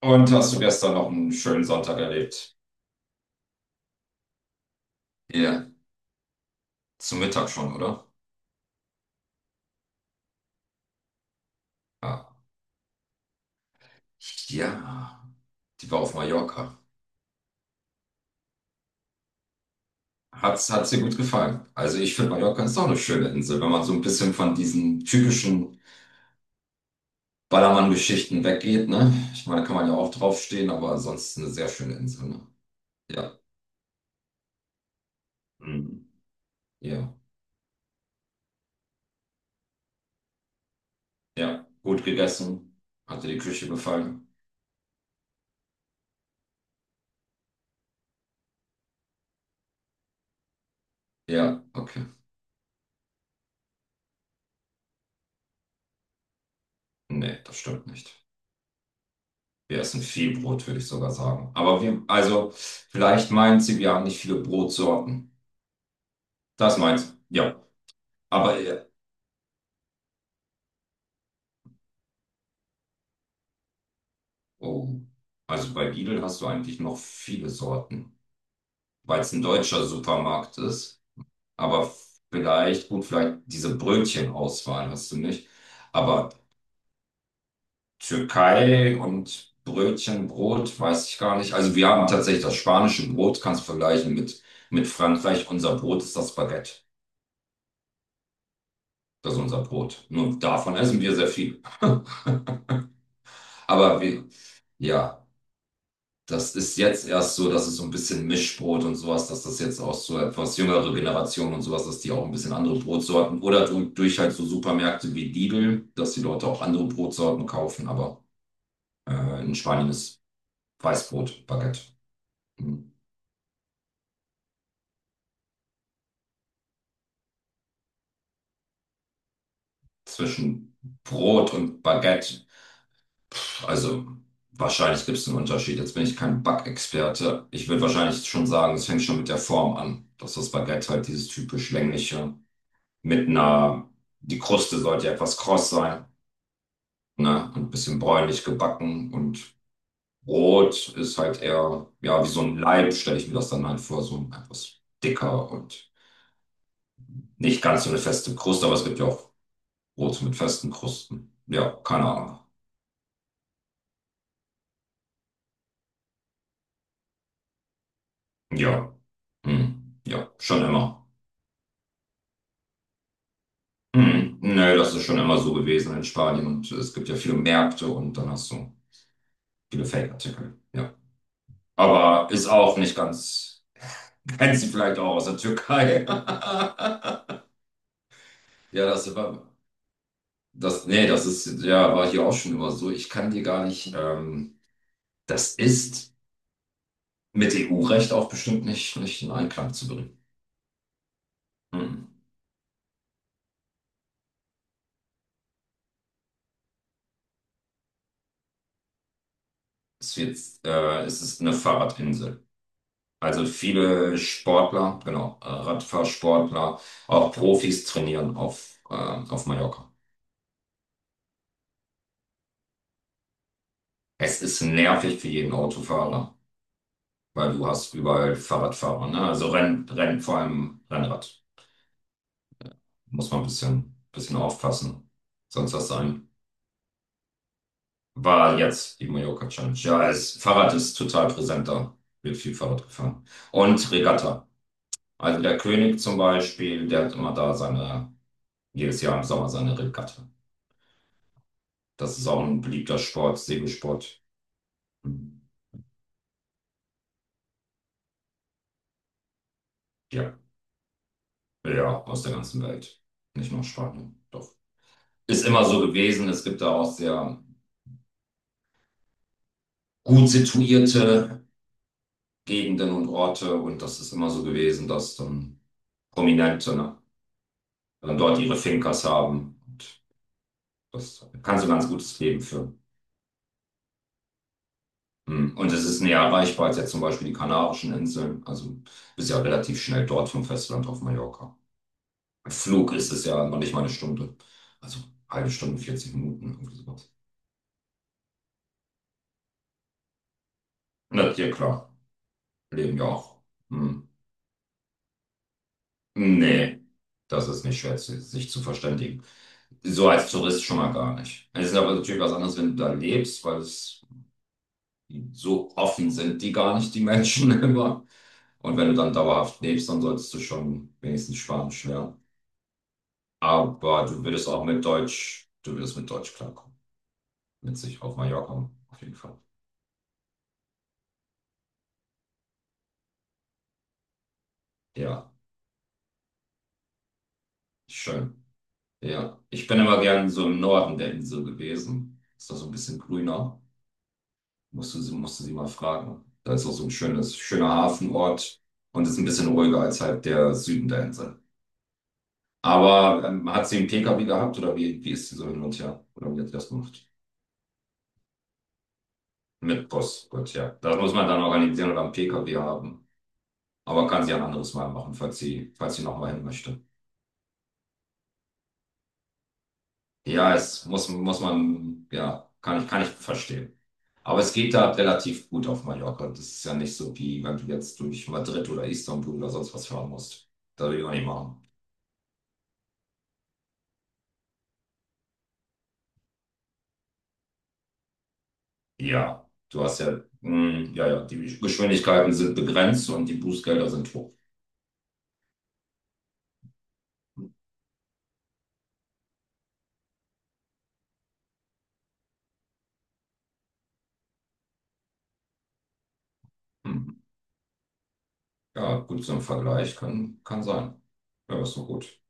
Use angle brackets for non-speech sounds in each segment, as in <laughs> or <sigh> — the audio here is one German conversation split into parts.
Und hast du gestern noch einen schönen Sonntag erlebt? Ja, zum Mittag schon, oder? Ah, ja, die war auf Mallorca. Hat's dir gut gefallen? Also ich finde, Mallorca ist doch eine schöne Insel, wenn man so ein bisschen von diesen typischen Ballermann-Geschichten weggeht, ne? Ich meine, da kann man ja auch draufstehen, aber ansonsten eine sehr schöne Insel, ne? Ja, mhm. Ja, ja. Gut gegessen. Hat dir die Küche gefallen? Ja, okay. Nee, das stimmt nicht. Wir essen viel Brot, würde ich sogar sagen. Aber wir, also, vielleicht meint sie, wir haben nicht viele Brotsorten. Das meint sie, ja. Aber, oh, also bei Lidl hast du eigentlich noch viele Sorten, weil es ein deutscher Supermarkt ist. Aber vielleicht, gut, vielleicht diese Brötchenauswahl hast du nicht. Aber Türkei und Brötchen, Brot, weiß ich gar nicht. Also, wir haben tatsächlich das spanische Brot, kannst du vergleichen mit Frankreich. Unser Brot ist das Baguette. Das ist unser Brot. Nur davon essen wir sehr viel. <laughs> Aber wir, ja, das ist jetzt erst so, dass es so ein bisschen Mischbrot und sowas, dass das jetzt auch so etwas jüngere Generationen und sowas, dass die auch ein bisschen andere Brotsorten oder durch halt so Supermärkte wie Lidl, dass die Leute auch andere Brotsorten kaufen. Aber in Spanien ist Weißbrot, Baguette. Hm. Zwischen Brot und Baguette. Also wahrscheinlich gibt es einen Unterschied. Jetzt bin ich kein Backexperte. Ich würde wahrscheinlich schon sagen, es fängt schon mit der Form an. Dass das Baguette halt dieses typisch längliche mit einer, die Kruste sollte ja etwas kross sein, ne? Und ein bisschen bräunlich gebacken und Brot ist halt eher, ja, wie so ein Leib, stelle ich mir das dann halt vor, so ein etwas dicker und nicht ganz so eine feste Kruste, aber es gibt ja auch Brote mit festen Krusten. Ja, keine Ahnung. Ja, hm. Ja, schon immer. Hm, nö, das ist schon immer so gewesen in Spanien und es gibt ja viele Märkte und dann hast du viele Fake-Artikel. Ja. Aber ist auch nicht ganz, <laughs> kennst du vielleicht auch aus der Türkei. <laughs> Ja, das war, das, nee, das ist, ja, war hier auch schon immer so. Ich kann dir gar nicht, das ist mit EU-Recht auch bestimmt nicht in Einklang zu bringen. Hm. Es wird, es ist eine Fahrradinsel. Also viele Sportler, genau, Radfahrsportler, auch Profis trainieren auf Mallorca. Es ist nervig für jeden Autofahrer, weil du hast überall Fahrradfahrer, ne? Also vor allem Rennrad. Muss man ein bisschen aufpassen. Sonst was sein. War jetzt die Mallorca Challenge. Ja, es, Fahrrad ist total präsent da. Wird viel Fahrrad gefahren. Und Regatta. Also der König zum Beispiel, der hat immer da seine, jedes Jahr im Sommer seine Regatta. Das ist auch ein beliebter Sport, Segelsport. Ja, ja, aus der ganzen Welt. Nicht nur aus Spanien. Doch. Ist immer so gewesen. Es gibt da auch sehr gut situierte Gegenden und Orte. Und das ist immer so gewesen, dass dann Prominente, ne, dann dort ihre Fincas haben. Und das kann so ein ganz gutes Leben führen. Hm. Und es ist näher erreichbar als jetzt zum Beispiel die Kanarischen Inseln. Also bist ja relativ schnell dort vom Festland auf Mallorca. Flug ist es ja noch nicht mal eine Stunde. Also halbe Stunde, 40 Minuten, irgendwie sowas. Na, ja, klar. Leben ja auch. Hm. Nee, das ist nicht schwer, sich zu verständigen. So als Tourist schon mal gar nicht. Es ist aber natürlich was anderes, wenn du da lebst, weil es so offen sind die gar nicht, die Menschen <laughs> immer. Und wenn du dann dauerhaft lebst, dann solltest du schon wenigstens Spanisch lernen. Aber du würdest auch mit Deutsch, du würdest mit Deutsch klarkommen. Mit sich auf Mallorca, auf jeden Fall. Ja, schön. Ja, ich bin immer gern so im Norden der Insel gewesen. Ist da so ein bisschen grüner. Musste sie mal fragen. Da ist auch so ein schönes, schöner Hafenort und ist ein bisschen ruhiger als halt der Süden der Insel. Aber hat sie einen PKW gehabt oder wie ist sie so hin und her? Oder wie hat sie das gemacht? Mit Bus, gut, ja. Das muss man dann organisieren oder einen PKW haben. Aber kann sie ein anderes Mal machen, falls sie nochmal hin möchte. Ja, es muss man, ja, kann ich verstehen. Aber es geht da relativ gut auf Mallorca. Das ist ja nicht so, wie wenn du jetzt durch Madrid oder Istanbul oder sonst was fahren musst. Das will ich auch nicht machen. Ja, du hast ja, ja, ja, die Geschwindigkeiten sind begrenzt und die Bußgelder sind hoch. Hm. Ja, gut, so ein Vergleich kann sein. Ja, ist doch gut.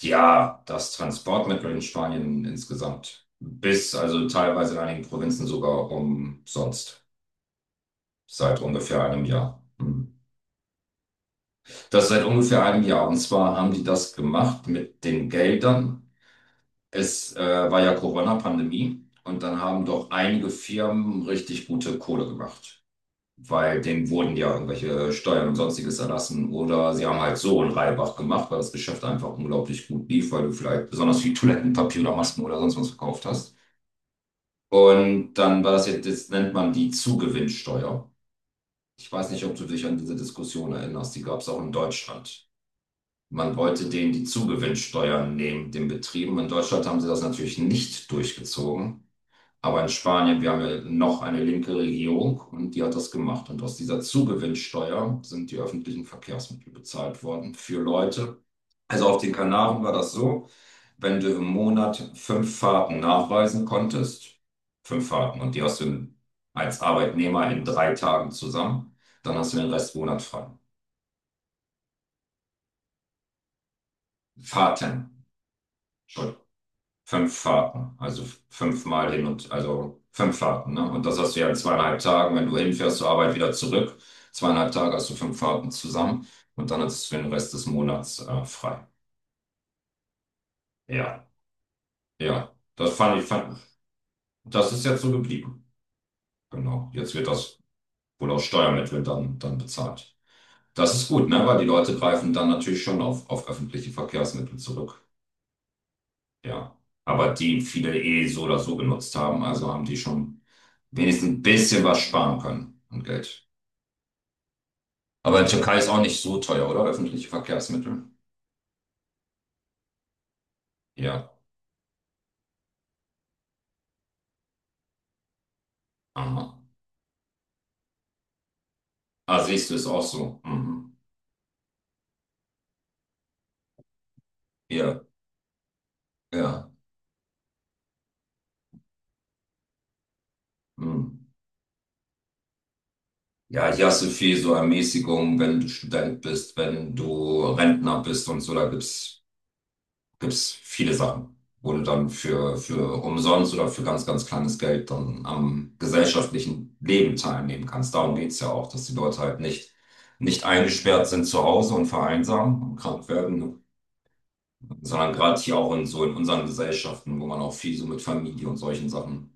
Ja, das Transportmittel in Spanien insgesamt bis, also teilweise in einigen Provinzen sogar umsonst. Seit ungefähr einem Jahr. Hm. Das seit ungefähr einem Jahr. Und zwar haben die das gemacht mit den Geldern. Es war ja Corona-Pandemie und dann haben doch einige Firmen richtig gute Kohle gemacht, weil denen wurden ja irgendwelche Steuern und sonstiges erlassen oder sie haben halt so einen Reibach gemacht, weil das Geschäft einfach unglaublich gut lief, weil du vielleicht besonders viel Toilettenpapier oder Masken oder sonst was verkauft hast. Und dann war das jetzt, das nennt man die Zugewinnsteuer. Ich weiß nicht, ob du dich an diese Diskussion erinnerst, die gab es auch in Deutschland. Man wollte denen die Zugewinnsteuern nehmen, den Betrieben. In Deutschland haben sie das natürlich nicht durchgezogen. Aber in Spanien, wir haben ja noch eine linke Regierung und die hat das gemacht. Und aus dieser Zugewinnsteuer sind die öffentlichen Verkehrsmittel bezahlt worden für Leute. Also auf den Kanaren war das so, wenn du im Monat fünf Fahrten nachweisen konntest, fünf Fahrten und die hast du in, als Arbeitnehmer in drei Tagen zusammen, dann hast du den Rest Monat frei. Fahrten. Entschuldigung. Fünf Fahrten, also fünfmal hin und also fünf Fahrten, ne? Und das hast du ja in zweieinhalb Tagen, wenn du hinfährst zur Arbeit wieder zurück. Zweieinhalb Tage hast du fünf Fahrten zusammen und dann hast du den Rest des Monats frei. Ja, ja, das fand ich, fand, das ist jetzt so geblieben. Genau, jetzt wird das wohl aus Steuermitteln dann bezahlt. Das ist gut, ne? Weil die Leute greifen dann natürlich schon auf öffentliche Verkehrsmittel zurück. Ja, aber die viele eh so oder so genutzt haben, also haben die schon, wenigstens ein bisschen was sparen können an Geld. Aber in Türkei ist auch nicht so teuer, oder? Öffentliche Verkehrsmittel. Ja. Aha. Ah, siehst du, ist auch so. Mhm. Ja, ja. Mhm. Ja, hier hast du viel so Ermäßigung, wenn du Student bist, wenn du Rentner bist und so, da gibt es viele Sachen, wo du dann für umsonst oder für ganz, ganz kleines Geld dann am gesellschaftlichen Leben teilnehmen kannst. Darum geht's ja auch, dass die Leute halt nicht, nicht eingesperrt sind zu Hause und vereinsamen und krank werden, ne? Sondern gerade hier auch in so in unseren Gesellschaften, wo man auch viel so mit Familie und solchen Sachen.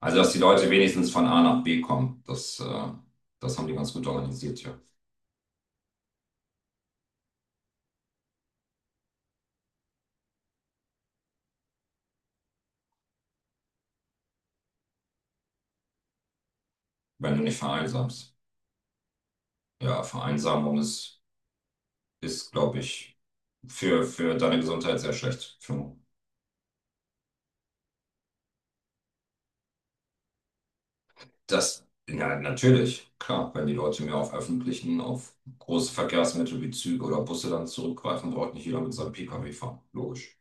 Also, dass die Leute wenigstens von A nach B kommen, das haben die ganz gut organisiert, ja. Wenn du nicht vereinsamst. Ja, Vereinsamung ist, glaube ich, für deine Gesundheit sehr schlecht. Für das, ja, natürlich, klar, wenn die Leute mehr auf öffentlichen, auf große Verkehrsmittel wie Züge oder Busse dann zurückgreifen, braucht nicht jeder mit seinem PKW fahren. Logisch.